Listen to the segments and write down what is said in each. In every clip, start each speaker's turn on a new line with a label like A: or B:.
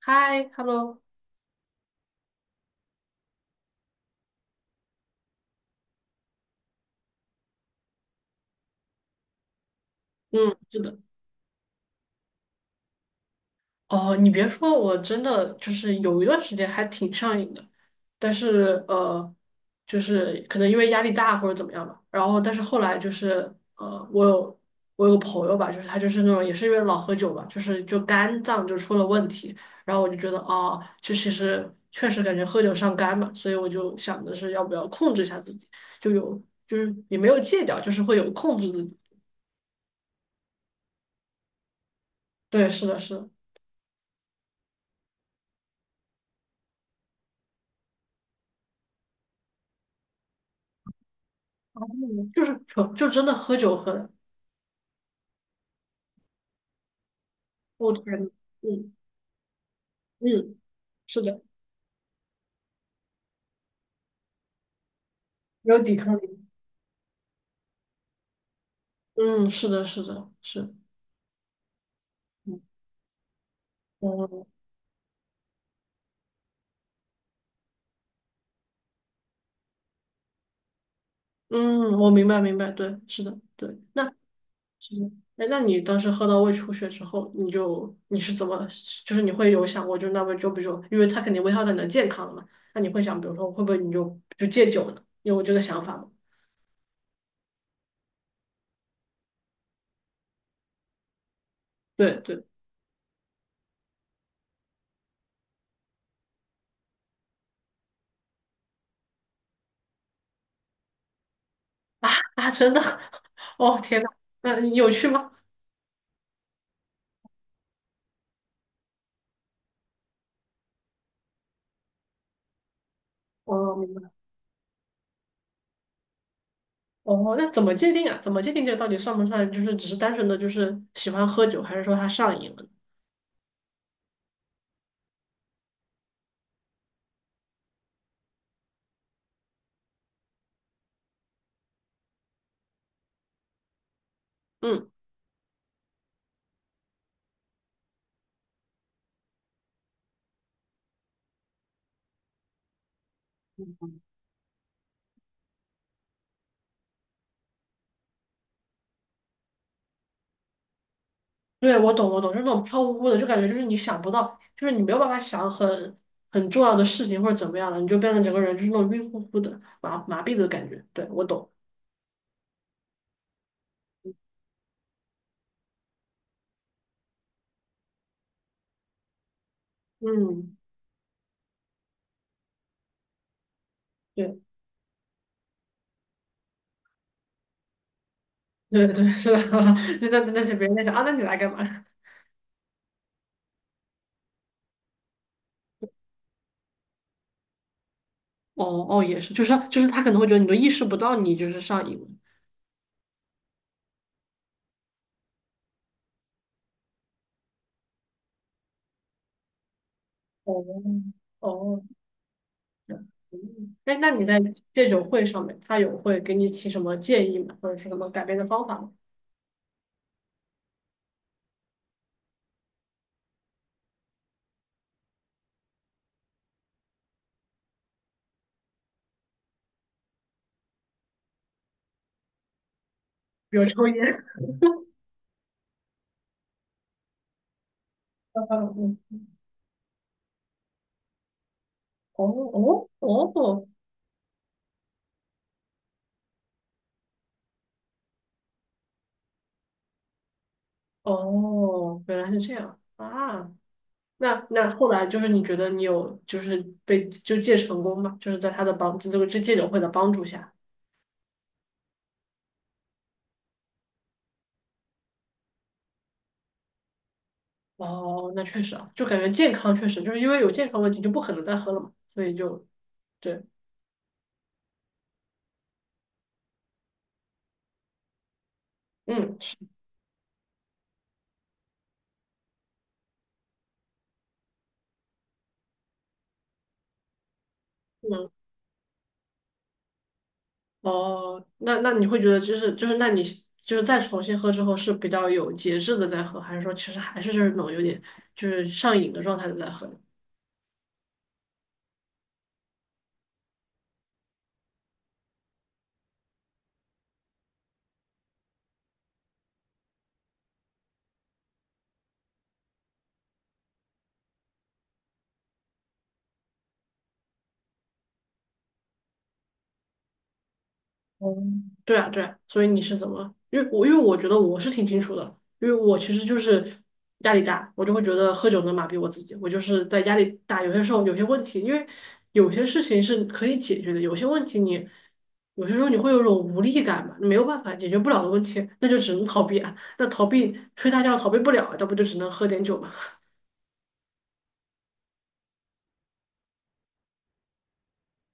A: 嗨，hello，嗯，是的，哦，你别说，我真的就是有一段时间还挺上瘾的，但是就是可能因为压力大或者怎么样吧，然后但是后来就是呃，我有我有个朋友吧，就是他就是那种也是因为老喝酒吧，就肝脏就出了问题，然后我就觉得哦，这其实确实感觉喝酒伤肝嘛，所以我就想的是要不要控制一下自己，就有就是也没有戒掉，就是会有控制自己，对，是的，是的。嗯，就是可就真的喝酒喝的，我天呐，嗯嗯，是的，没有抵抗力，嗯，是的，是的，是，嗯嗯嗯，我明白明白，对，是的，对，那是的，哎，那你当时喝到胃出血之后，你是怎么，就是你会有想过，就那么就比如说，因为它肯定危害到你的健康了嘛，那你会想，比如说会不会你就戒酒呢？你有这个想法吗？对对啊啊，真的，哦天呐，那你有趣吗？哦，明白。哦，那怎么界定啊？怎么界定这个到底算不算？就是只是单纯的就是喜欢喝酒，还是说他上瘾了呢？嗯，对，我懂，我懂，就是那种飘忽忽的，就感觉就是你想不到，就是你没有办法想很重要的事情或者怎么样了，你就变成整个人就是那种晕乎乎的、麻麻痹的感觉。对，我懂。嗯，对对对，是的，就那那些别人在想啊，那你来干嘛？哦哦，也是，就是他可能会觉得你都意识不到你就是上瘾了。哦哦，嗯哎，那你在戒酒会上面，他有会给你提什么建议吗？或者是什么改变的方法吗？比如抽烟。嗯哦哦哦哦，原来是这样啊！那那后来就是你觉得你有就是被就戒成功吗？就是在他的帮这个戒戒酒会的帮助下。哦，那确实啊，就感觉健康确实就是因为有健康问题就不可能再喝了嘛，所以就对，嗯，是哦，那那你会觉得就是，那你就是再重新喝之后是比较有节制的在喝，还是说其实还是就是那种有点就是上瘾的状态的在喝？哦，对啊，对啊，所以你是怎么？因为我觉得我是挺清楚的，因为我其实就是压力大，我就会觉得喝酒能麻痹我自己。我就是在压力大，有些时候有些问题，因为有些事情是可以解决的，有些问题你有些时候你会有种无力感嘛，没有办法解决不了的问题，那就只能逃避啊。那逃避睡大觉逃避不了，那不就只能喝点酒嘛？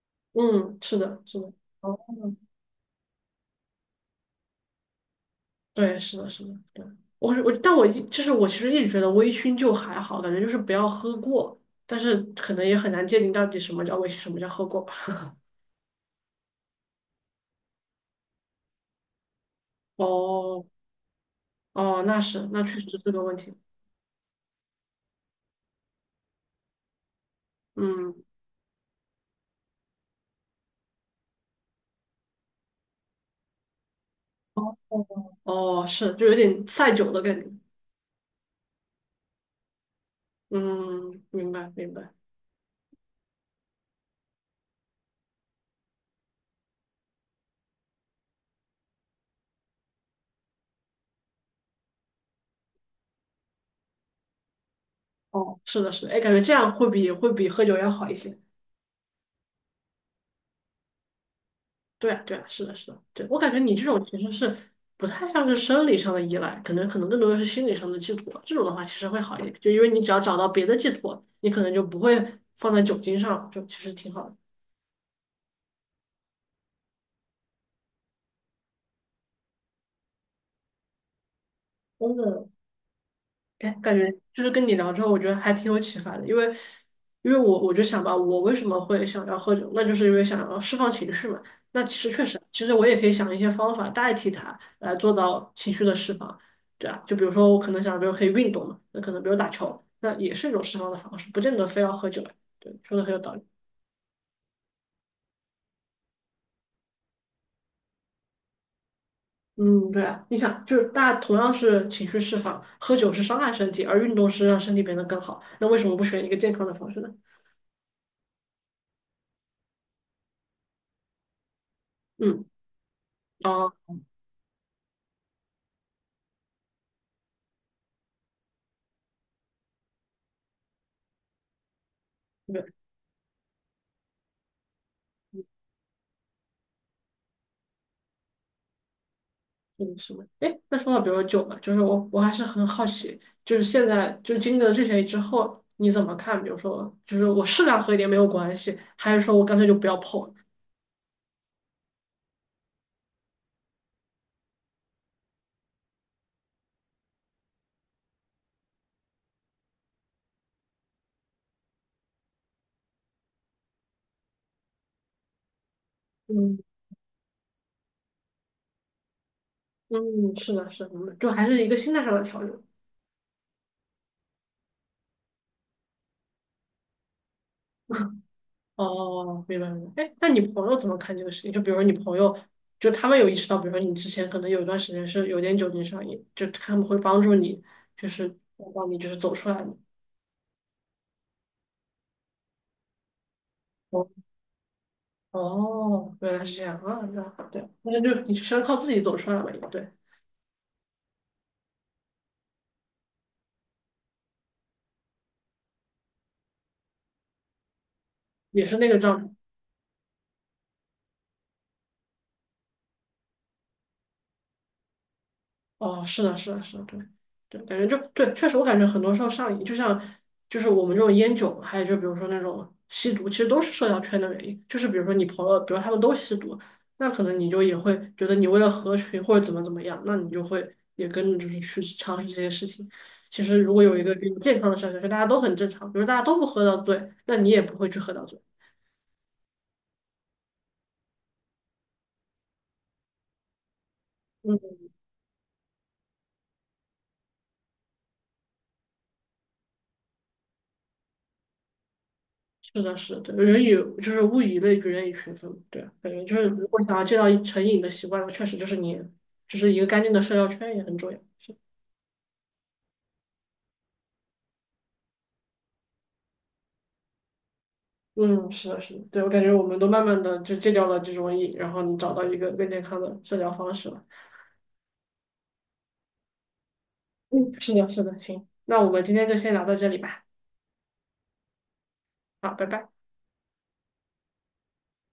A: 嗯，是的，是的。哦对，是的，是的，对，我是，但我一就是我其实一直觉得微醺就还好，感觉就是不要喝过，但是可能也很难界定到底什么叫微醺，什么叫喝过吧。哦哦，那是，那确实是个问题。嗯，哦哦，是，就有点赛酒的感觉。嗯，明白明白。哦，是的，是的，哎，感觉这样会比喝酒要好一些。对啊，对啊，是的，是的，对，我感觉你这种其实是不太像是生理上的依赖，可能更多的是心理上的寄托。这种的话其实会好一点，就因为你只要找到别的寄托，你可能就不会放在酒精上，就其实挺好的。真的，哎，感觉就是跟你聊之后，我觉得还挺有启发的，因为，因为我就想吧，我为什么会想要喝酒，那就是因为想要释放情绪嘛。那其实确实，其实我也可以想一些方法代替它来做到情绪的释放，对啊，就比如说我可能想，比如可以运动嘛，那可能比如打球，那也是一种释放的方式，不见得非要喝酒。对，说的很有道理。嗯，对啊，你想，就是大家同样是情绪释放，喝酒是伤害身体，而运动是让身体变得更好，那为什么不选一个健康的方式呢？嗯，哦，对。嗯，是吗？哎，那说到比如说酒嘛，就是我还是很好奇，就是现在就是经历了这些之后，你怎么看？比如说，就是我适量喝一点没有关系，还是说我干脆就不要碰了嗯嗯，是的，是的，嗯就还是一个心态上的调整。哦，明白明白。哎，那你朋友怎么看这个事情？就比如说你朋友，就他们有意识到，比如说你之前可能有一段时间是有点酒精上瘾，就他们会帮助你，就是帮你就是走出来吗。哦，原来是这样啊，那好对，那就你是要靠自己走出来了，也对，也是那个状态哦，是的，是的，是的，对，对，感觉就对，确实，我感觉很多时候上瘾，就像就是我们这种烟酒，还有就比如说那种吸毒，其实都是社交圈的原因。就是比如说你朋友，比如他们都吸毒，那可能你就也会觉得你为了合群或者怎么怎么样，那你就会也跟着就是去尝试这些事情。其实如果有一个比较健康的社交圈，大家都很正常，比如大家都不喝到醉，那你也不会去喝到醉。嗯。是的，是的，对，人以就是物以类聚，人以群分，对啊，感觉就是如果想要戒掉一成瘾的习惯，确实就是你，就是一个干净的社交圈也很重要。是，嗯，是的，是的，对，我感觉我们都慢慢的就戒掉了这种瘾，然后你找到一个更健康的社交方式了。嗯，是的，是的，行，那我们今天就先聊到这里吧。好，拜拜。